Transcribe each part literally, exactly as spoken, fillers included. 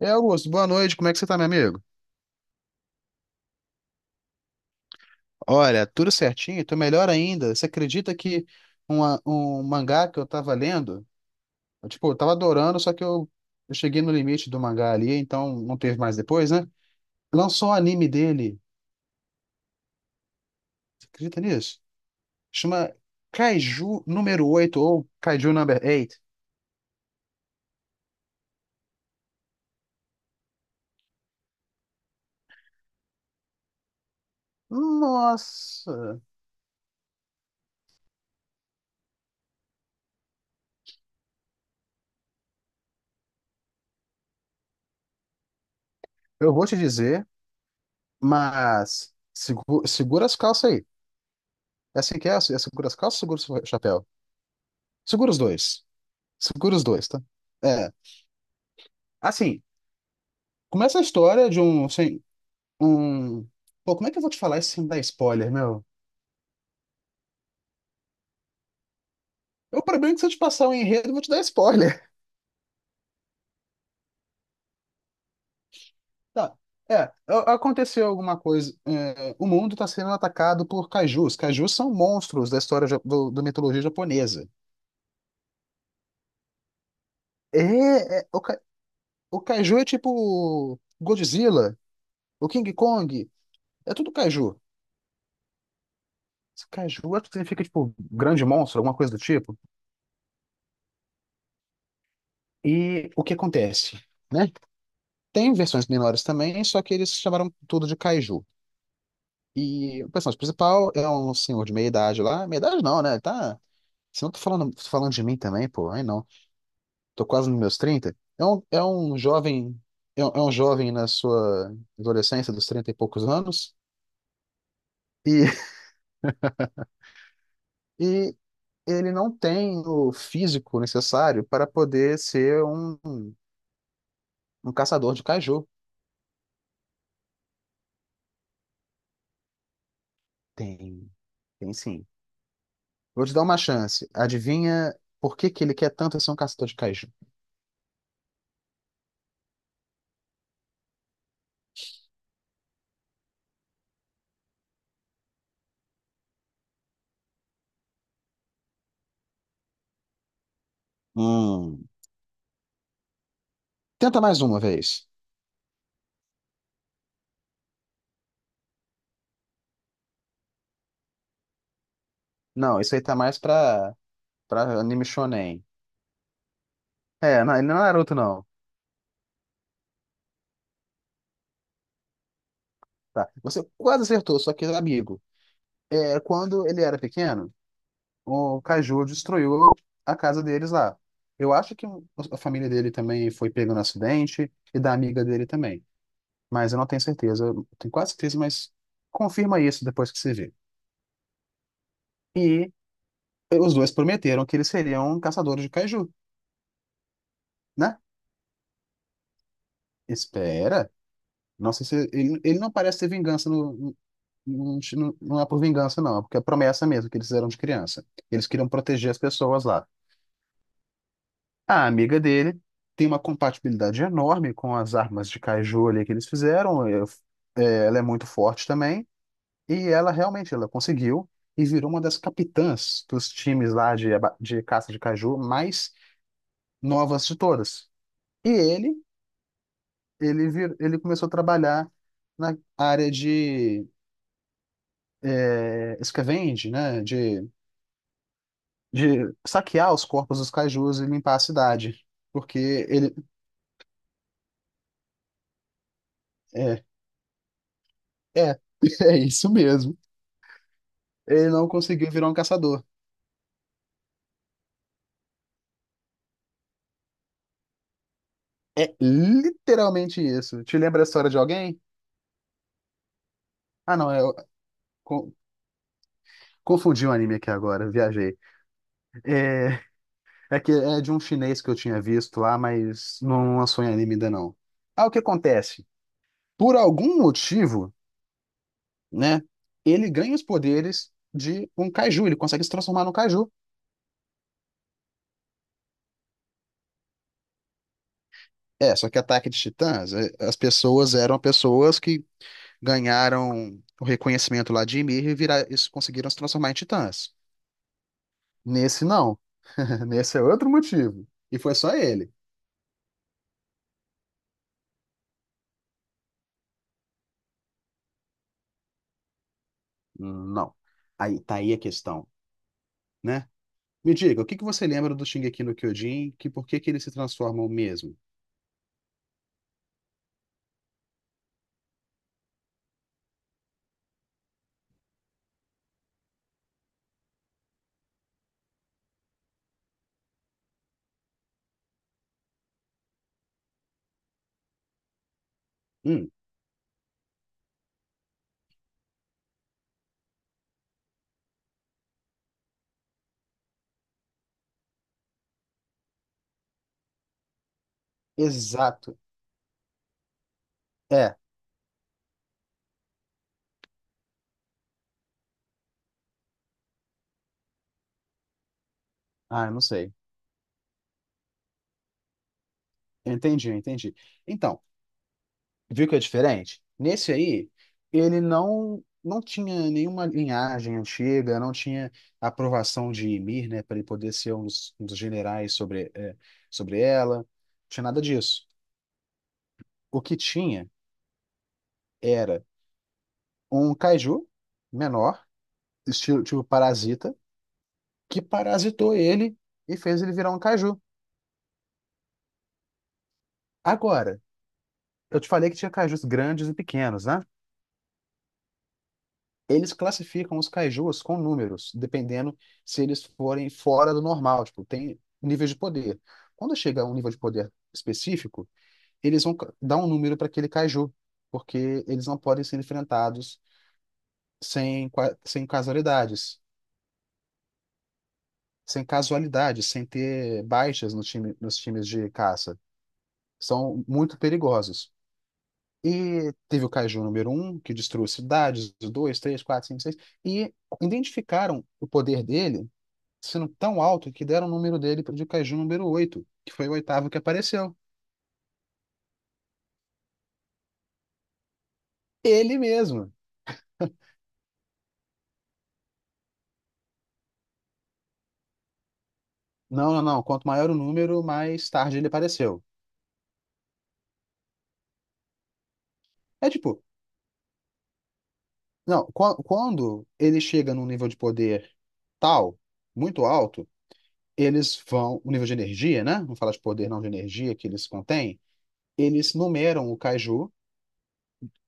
E aí, Augusto, boa noite. Como é que você tá, meu amigo? Olha, tudo certinho, tô melhor ainda. Você acredita que uma- um mangá que eu tava lendo, eu, tipo, eu tava adorando, só que eu, Eu cheguei no limite do mangá ali, então não teve mais depois, né? Lançou o anime dele. Você acredita nisso? Chama Kaiju número oito ou Kaiju number eight. Nossa! Eu vou te dizer, mas segu- segura as calças aí. É assim que é? É segura as calças ou segura o chapéu? Segura os dois. Segura os dois, tá? É. Assim, começa a história de um, assim, um... Pô, como é que eu vou te falar isso sem dar spoiler, meu? O problema é que se eu te passar o enredo, eu vou te dar spoiler. Tá. É, a- aconteceu alguma coisa. É, o mundo está sendo atacado por kaijus. Kaijus são monstros da história ja- do, da mitologia japonesa. É, é, o, kai- o kaiju é tipo Godzilla, o King Kong, é tudo kaiju. Kaiju acho que significa tipo grande monstro, alguma coisa do tipo. E o que acontece? Né? Tem versões menores também, só que eles chamaram tudo de Kaiju. E o personagem principal é um senhor de meia idade lá. Meia idade não, né? Ele tá. Se não tô falando, tô falando de mim também, pô. Aí não. Tô quase nos meus trinta. É um, é um jovem. É um, é um jovem na sua adolescência, dos trinta e poucos anos. E, e ele não tem o físico necessário para poder ser um, um caçador de Kaiju. Tem. Tem sim. Vou te dar uma chance. Adivinha por que que ele quer tanto ser um caçador de Kaiju? Hum. Tenta mais uma vez. Não, isso aí tá mais pra, pra anime shonen. É, não, ele não é Naruto, não. Tá. Você quase acertou, só que é amigo. É, quando ele era pequeno, o Kaiju destruiu a casa deles lá. Eu acho que a família dele também foi pega no acidente e da amiga dele também. Mas eu não tenho certeza. Eu tenho quase certeza, mas confirma isso depois que você vê. E os dois prometeram que eles seriam caçadores de Kaiju, né? Espera. Nossa, esse, ele, ele não parece ter vingança no, no- no- não é por vingança, não, é porque é promessa mesmo que eles fizeram de criança. Eles queriam proteger as pessoas lá. A amiga dele tem uma compatibilidade enorme com as armas de caju ali que eles fizeram. É, é, ela é muito forte também. E ela realmente ela conseguiu e virou uma das capitãs dos times lá de, aba- de caça de caju mais novas de todas. E ele, ele, vir, ele começou a trabalhar na área de é, escavenge, né, de, de saquear os corpos dos cajus e limpar a cidade, porque ele é, é, é isso mesmo. Ele não conseguiu virar um caçador. É literalmente isso. Te lembra a história de alguém? Ah, não, eu co- confundi um anime aqui agora, viajei. É, é que é de um chinês que eu tinha visto lá, mas não lançou em anime ainda não. Ah, o que acontece? Por algum motivo, né, ele ganha os poderes de um caju, ele consegue se transformar num caju. É, só que Ataque de Titãs, eh, as pessoas eram pessoas que ganharam o reconhecimento lá de Ymir e vira- isso conseguiram se transformar em titãs. Nesse não. Nesse é outro motivo. E foi só ele. Não. Aí tá aí a questão, né? Me diga, o que que você lembra do Shingeki no Kyojin? Que por que que eles se transformam mesmo? Hum, exato. É. Ah, eu não sei. Eu entendi, eu entendi. Então, viu que é diferente? Nesse aí, ele não não tinha nenhuma linhagem antiga, não tinha aprovação de Ymir, né, para ele poder ser um dos, um dos generais sobre, é, sobre ela. Não tinha nada disso. O que tinha era um kaiju menor, estilo tipo parasita, que parasitou ele e fez ele virar um kaiju. Agora, eu te falei que tinha kaijus grandes e pequenos, né? Eles classificam os kaijus com números, dependendo se eles forem fora do normal, tipo, tem níveis de poder. Quando chega a um nível de poder específico, eles vão ca- dar um número para aquele kaiju, porque eles não podem ser enfrentados sem, qua- sem casualidades, sem casualidades, sem ter baixas no time, nos times de caça. São muito perigosos. E teve o kaiju número um, que destruiu cidades, dois, três, quatro, cinco, seis, e identificaram o poder dele sendo tão alto que deram o número dele para o de Kaiju número oito, que foi o oitavo que apareceu. Ele mesmo. Não, não, não. Quanto maior o número, mais tarde ele apareceu. É tipo, não, qua- quando ele chega num nível de poder tal, muito alto, eles vão, o nível de energia, né? Não fala de poder, não de energia que eles contêm. Eles numeram o Kaiju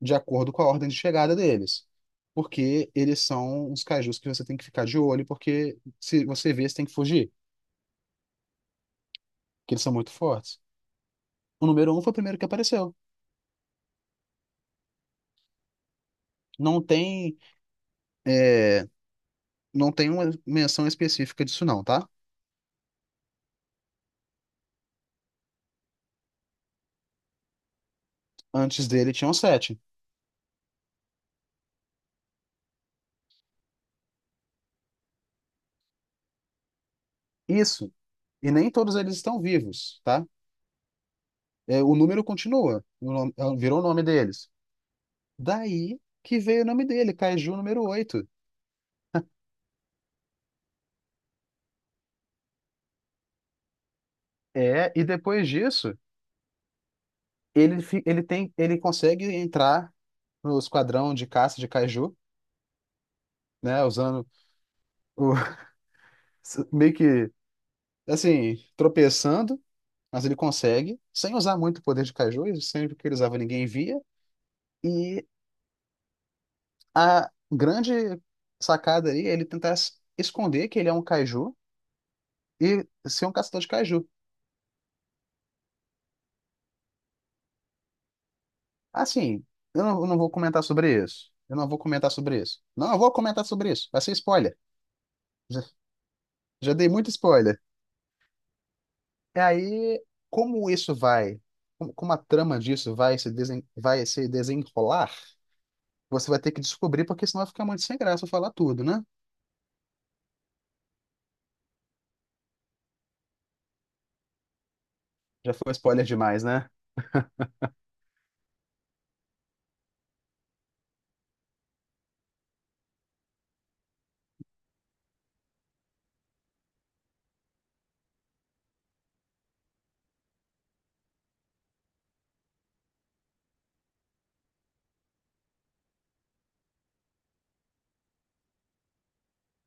de acordo com a ordem de chegada deles. Porque eles são uns kaijus que você tem que ficar de olho, porque se você vê, você tem que fugir, porque eles são muito fortes. O número um foi o primeiro que apareceu. Não tem, é, não tem uma menção específica disso, não, tá? Antes dele tinham sete. Isso. E nem todos eles estão vivos, tá? É, o número continua. O nome- é, virou o nome deles. Daí que veio o nome dele, Kaiju número oito. É, e depois disso, ele, fi- ele tem, ele consegue entrar no esquadrão de caça de Kaiju, né? Usando o, meio que assim, tropeçando, mas ele consegue, sem usar muito o poder de Kaiju, sempre que ele usava ninguém via. E a grande sacada aí é ele tentar es- esconder que ele é um Kaiju e ser um caçador de Kaiju. Assim, eu não, eu não vou comentar sobre isso. Eu não vou comentar sobre isso. Não, eu vou comentar sobre isso. Vai ser spoiler. Já, já dei muito spoiler. E aí, como isso vai, como como a trama disso vai se, desen, vai se desenrolar, você vai ter que descobrir, porque senão vai ficar muito sem graça eu falar tudo, né? Já foi spoiler demais, né?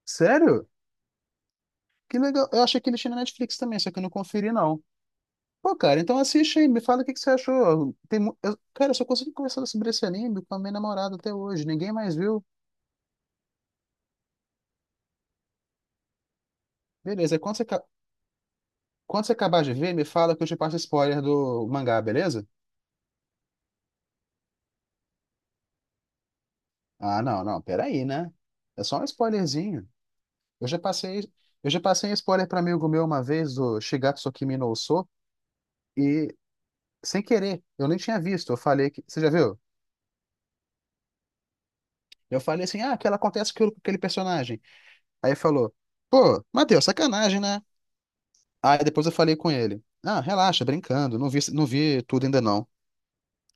Sério? Que legal. Eu achei que ele tinha na Netflix também, só que eu não conferi, não. Pô, cara, então assiste aí, me fala o que que você achou. Tem, mu- eu, cara, eu só consegui conversar sobre esse anime com a minha namorada até hoje, ninguém mais viu. Beleza, quando você, ca- quando você acabar de ver, me fala que eu te passo spoiler do mangá, beleza? Ah, não, não, peraí, né? É só um spoilerzinho. Eu já passei, eu já passei um spoiler para amigo meu uma vez do Shigatsu Kimi no Uso e sem querer, eu nem tinha visto, eu falei que, você já viu? Eu falei assim, ah, que ela acontece com aquele personagem. Aí falou, pô, Matheus, sacanagem, né? Aí depois eu falei com ele, ah, relaxa, brincando, não vi, não vi tudo ainda não.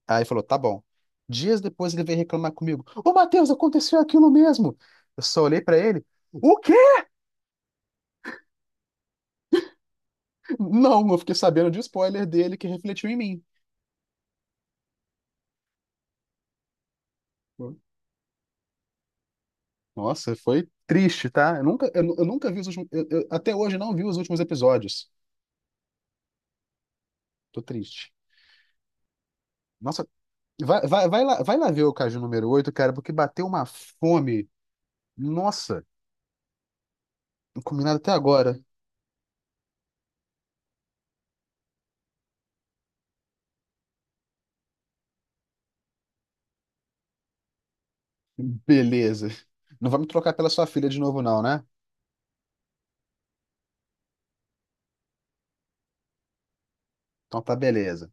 Aí falou, tá bom. Dias depois ele veio reclamar comigo, ô Matheus, aconteceu aquilo mesmo. Eu só olhei pra ele, o quê? Não, eu fiquei sabendo de spoiler dele que refletiu em mim. Nossa, foi triste, tá? Eu nunca, eu, nu- eu nunca vi os últimos, eu- eu até hoje não vi os últimos episódios. Tô triste. Nossa, vai, vai, vai lá, vai lá ver o Caju número oito, cara, porque bateu uma fome. Nossa. Combinado até agora. Beleza. Não vai me trocar pela sua filha de novo, não, né? Então tá, beleza.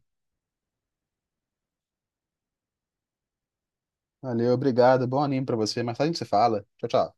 Valeu, obrigado. Bom anime pra você. Mais tarde a gente se fala. Tchau, tchau.